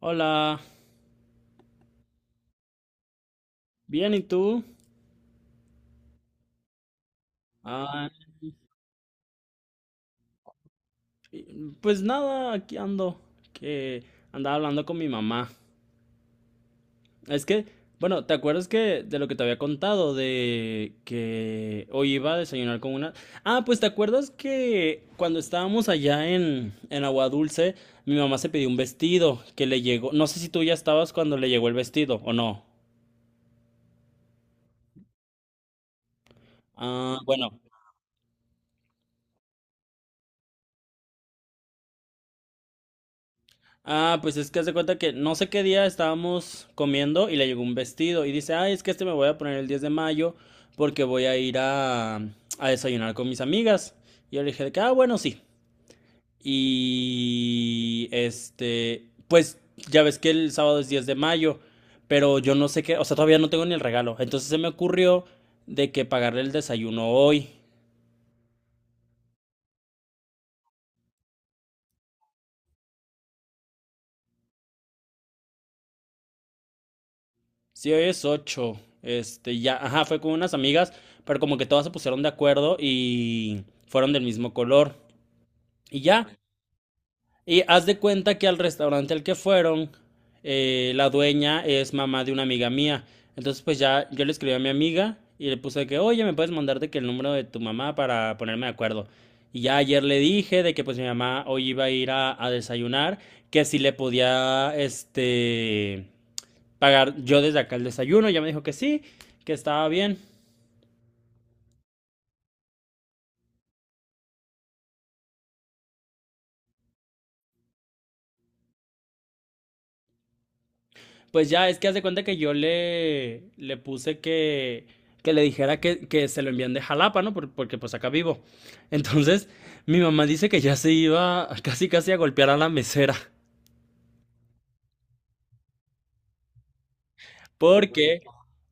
Hola, bien, ¿y tú? Ah, pues nada, aquí ando, que andaba hablando con mi mamá. Es que, bueno, ¿te acuerdas que de lo que te había contado de que hoy iba a desayunar con una... Ah, pues ¿te acuerdas que cuando estábamos allá en Agua Dulce, mi mamá se pidió un vestido que le llegó, no sé si tú ya estabas cuando le llegó el vestido o no. Ah, bueno. Ah, pues es que haz de cuenta que no sé qué día estábamos comiendo y le llegó un vestido y dice, ay, es que este me voy a poner el 10 de mayo porque voy a ir a desayunar con mis amigas. Y yo le dije de que, ah, bueno, sí. Y este, pues ya ves que el sábado es 10 de mayo, pero yo no sé qué, o sea, todavía no tengo ni el regalo. Entonces se me ocurrió de que pagarle el desayuno hoy. Sí, hoy es 8. Este, ya, ajá, fue con unas amigas, pero como que todas se pusieron de acuerdo y fueron del mismo color. Y ya, y haz de cuenta que al restaurante al que fueron, la dueña es mamá de una amiga mía. Entonces, pues ya yo le escribí a mi amiga y le puse de que, oye, me puedes mandar de que el número de tu mamá para ponerme de acuerdo. Y ya ayer le dije de que pues mi mamá hoy iba a ir a desayunar, que si le podía, este, pagar yo desde acá el desayuno. Ya me dijo que sí, que estaba bien. Pues ya, es que haz de cuenta que yo le puse que le dijera que se lo envían de Jalapa, ¿no? Porque pues acá vivo. Entonces, mi mamá dice que ya se iba casi casi a golpear a la mesera. Porque,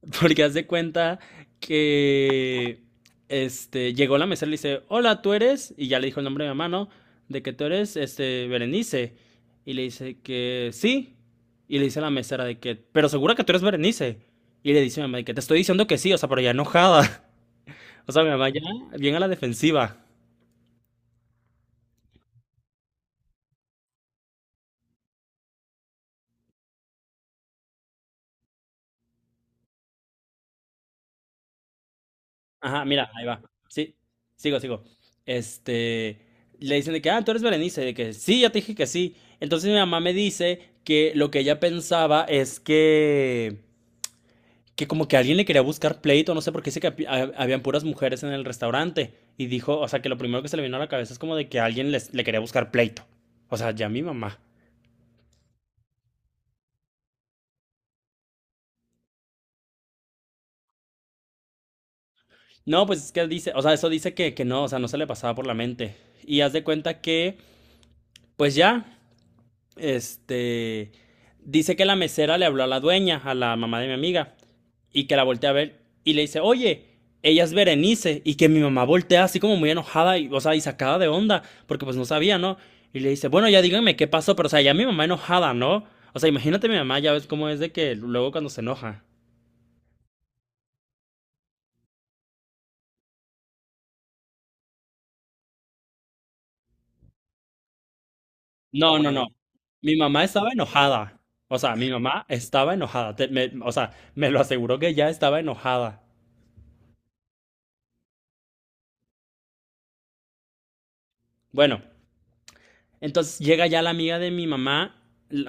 Porque haz de cuenta que este, llegó la mesera y le dice, hola, ¿tú eres? Y ya le dijo el nombre de mi mamá, ¿no? De que tú eres, este, Berenice. Y le dice que sí. Y le dice a la mesera de que, pero segura que tú eres Berenice. Y le dice a mi mamá de que te estoy diciendo que sí, o sea, pero ya enojada. O sea, mi mamá ya bien a la defensiva. Ajá, mira, ahí va. Sí, sigo, sigo. Este, le dicen de que, ah, tú eres Berenice, de que sí, ya te dije que sí. Entonces mi mamá me dice que lo que ella pensaba es que como que alguien le quería buscar pleito, no sé, porque dice que habían puras mujeres en el restaurante. Y dijo, o sea, que lo primero que se le vino a la cabeza es como de que alguien les, le quería buscar pleito. O sea, ya mi mamá. No, pues es que dice, o sea, eso dice que no, o sea, no se le pasaba por la mente. Y haz de cuenta que, pues ya. Este. Dice que la mesera le habló a la dueña, a la mamá de mi amiga, y que la voltea a ver y le dice, oye, ella es Berenice, y que mi mamá voltea así como muy enojada, y, o sea, y sacada de onda, porque pues no sabía, ¿no? Y le dice, bueno, ya díganme qué pasó, pero o sea, ya mi mamá enojada, ¿no? O sea, imagínate mi mamá, ya ves cómo es de que luego cuando se enoja. No, no, no. Mi mamá estaba enojada. O sea, mi mamá estaba enojada. O sea, me lo aseguró que ya estaba enojada. Bueno, entonces llega ya la amiga de mi mamá,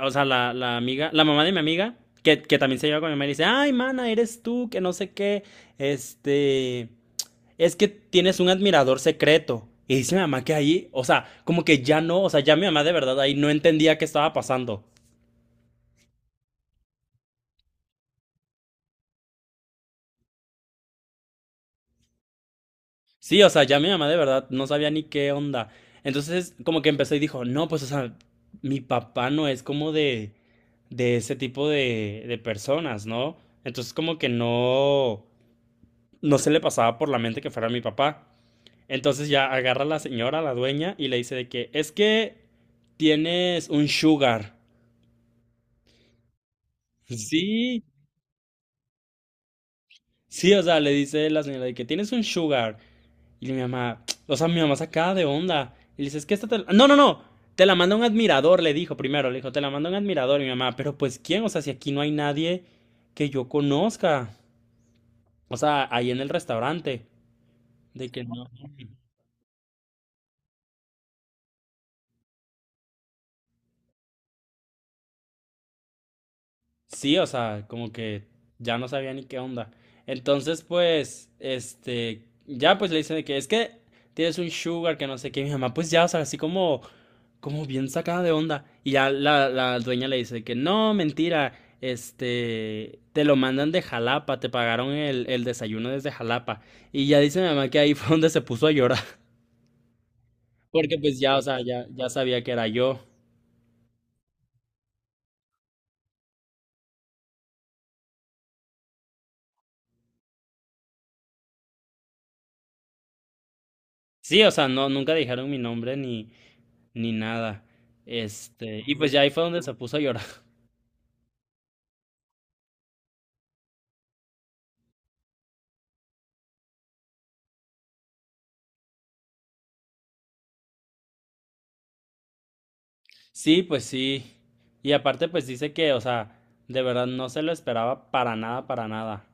o sea, la amiga, la mamá de mi amiga, que también se lleva con mi mamá y dice, ay, mana, eres tú, que no sé qué, este, es que tienes un admirador secreto. Y dice mi mamá que ahí, o sea, como que ya no, o sea, ya mi mamá de verdad ahí no entendía qué estaba pasando. Sí, o sea, ya mi mamá de verdad no sabía ni qué onda. Entonces, como que empezó y dijo, no, pues, o sea, mi papá no es como de ese tipo de personas, ¿no? Entonces, como que no, no se le pasaba por la mente que fuera mi papá. Entonces ya agarra a la señora, la dueña, y le dice de que es que tienes un sugar. Sí, sí, o sea, le dice la señora de que tienes un sugar. Y mi mamá, o sea, mi mamá sacada de onda. Y le dice, es que esta te la... No, no, no, te la manda un admirador, le dijo primero, le dijo, te la manda un admirador. Y mi mamá, pero pues ¿quién? O sea, si aquí no hay nadie que yo conozca. O sea, ahí en el restaurante. De que no. Sí, o sea, como que ya no sabía ni qué onda. Entonces, pues, este, ya pues le dicen de que es que tienes un sugar, que no sé qué. Mi mamá, pues ya, o sea, así como bien sacada de onda. Y ya la dueña le dice de que no, mentira, este, te lo mandan de Jalapa, te pagaron el desayuno desde Jalapa. Y ya dice mi mamá que ahí fue donde se puso a llorar. Porque pues ya, o sea, ya, ya sabía que era yo. Sí, o sea, no, nunca dijeron mi nombre ni nada. Este, y pues ya ahí fue donde se puso a llorar. Sí, pues sí. Y aparte, pues dice que, o sea, de verdad no se lo esperaba para nada, para nada.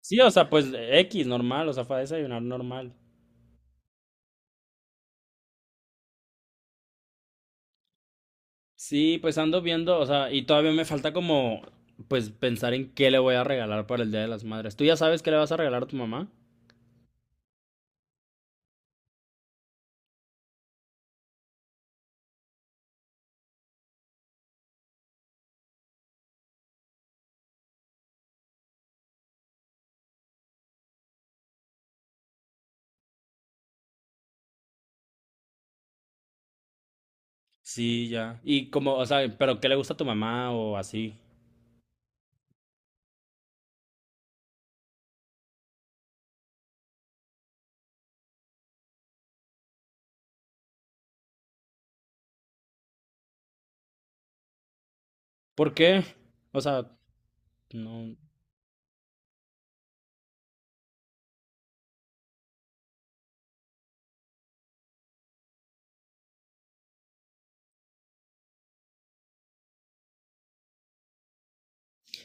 Sí, o sea, pues X, normal, o sea, fue a desayunar normal. Sí, pues ando viendo, o sea, y todavía me falta como, pues pensar en qué le voy a regalar para el Día de las Madres. ¿Tú ya sabes qué le vas a regalar a tu mamá? Sí, ya. Y como, o sea, pero ¿qué le gusta a tu mamá o así? ¿Por qué? O sea, no.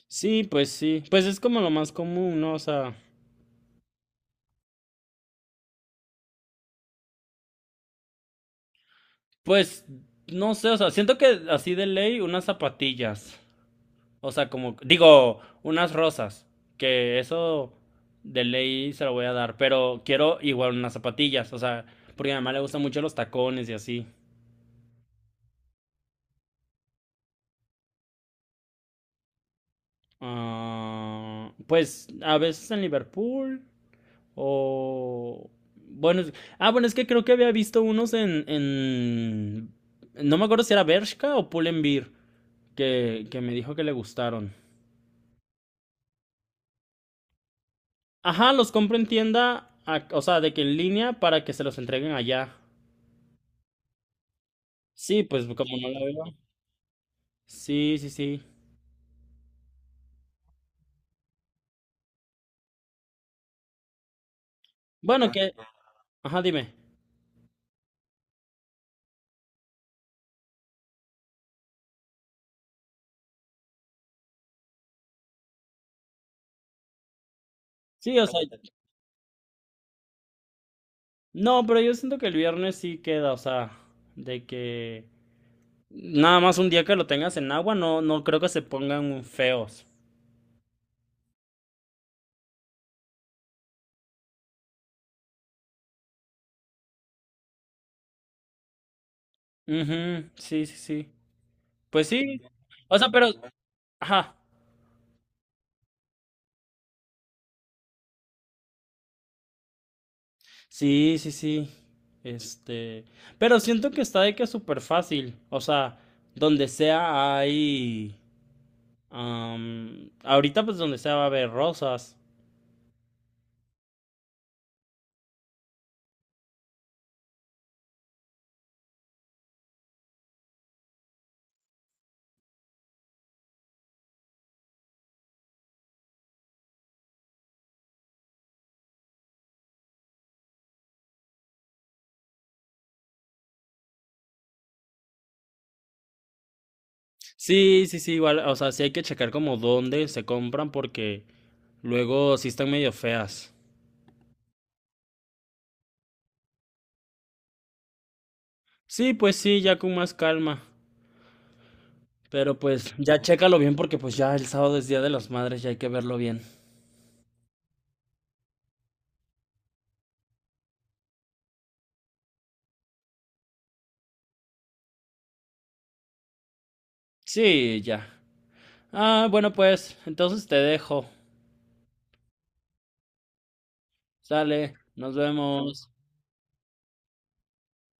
Sí. Pues es como lo más común, ¿no? O sea, pues no sé, o sea, siento que así de ley unas zapatillas. O sea, como, digo, unas rosas. Que eso de ley se lo voy a dar. Pero quiero igual unas zapatillas. O sea, porque a mi mamá le gustan mucho los tacones y así. Ah, pues a veces en Liverpool. O... Bueno, ah, bueno, es que creo que había visto unos en... No me acuerdo si era Bershka o Pull&Bear, que me dijo que le gustaron. Ajá, los compro en tienda, o sea, de que en línea para que se los entreguen allá. Sí, pues como no la veo. Sí, sí, sí. Bueno, que... Ajá, dime. Sí, o sea... No, pero yo siento que el viernes sí queda, o sea, de que... Nada más un día que lo tengas en agua, no, no creo que se pongan feos. Ujú, sí, sí, sí. Pues sí. O sea, pero... Ajá. Sí, sí, sí. Este... Pero siento que está de que es súper fácil. O sea, donde sea hay... ahorita pues donde sea va a haber rosas. Sí, sí, sí, igual. O sea, sí hay que checar como dónde se compran porque luego sí están medio feas. Sí, pues sí, ya con más calma. Pero pues ya chécalo bien porque pues ya el sábado es Día de las Madres y hay que verlo bien. Sí, ya. Ah, bueno, pues, entonces te dejo. Sale, nos vemos.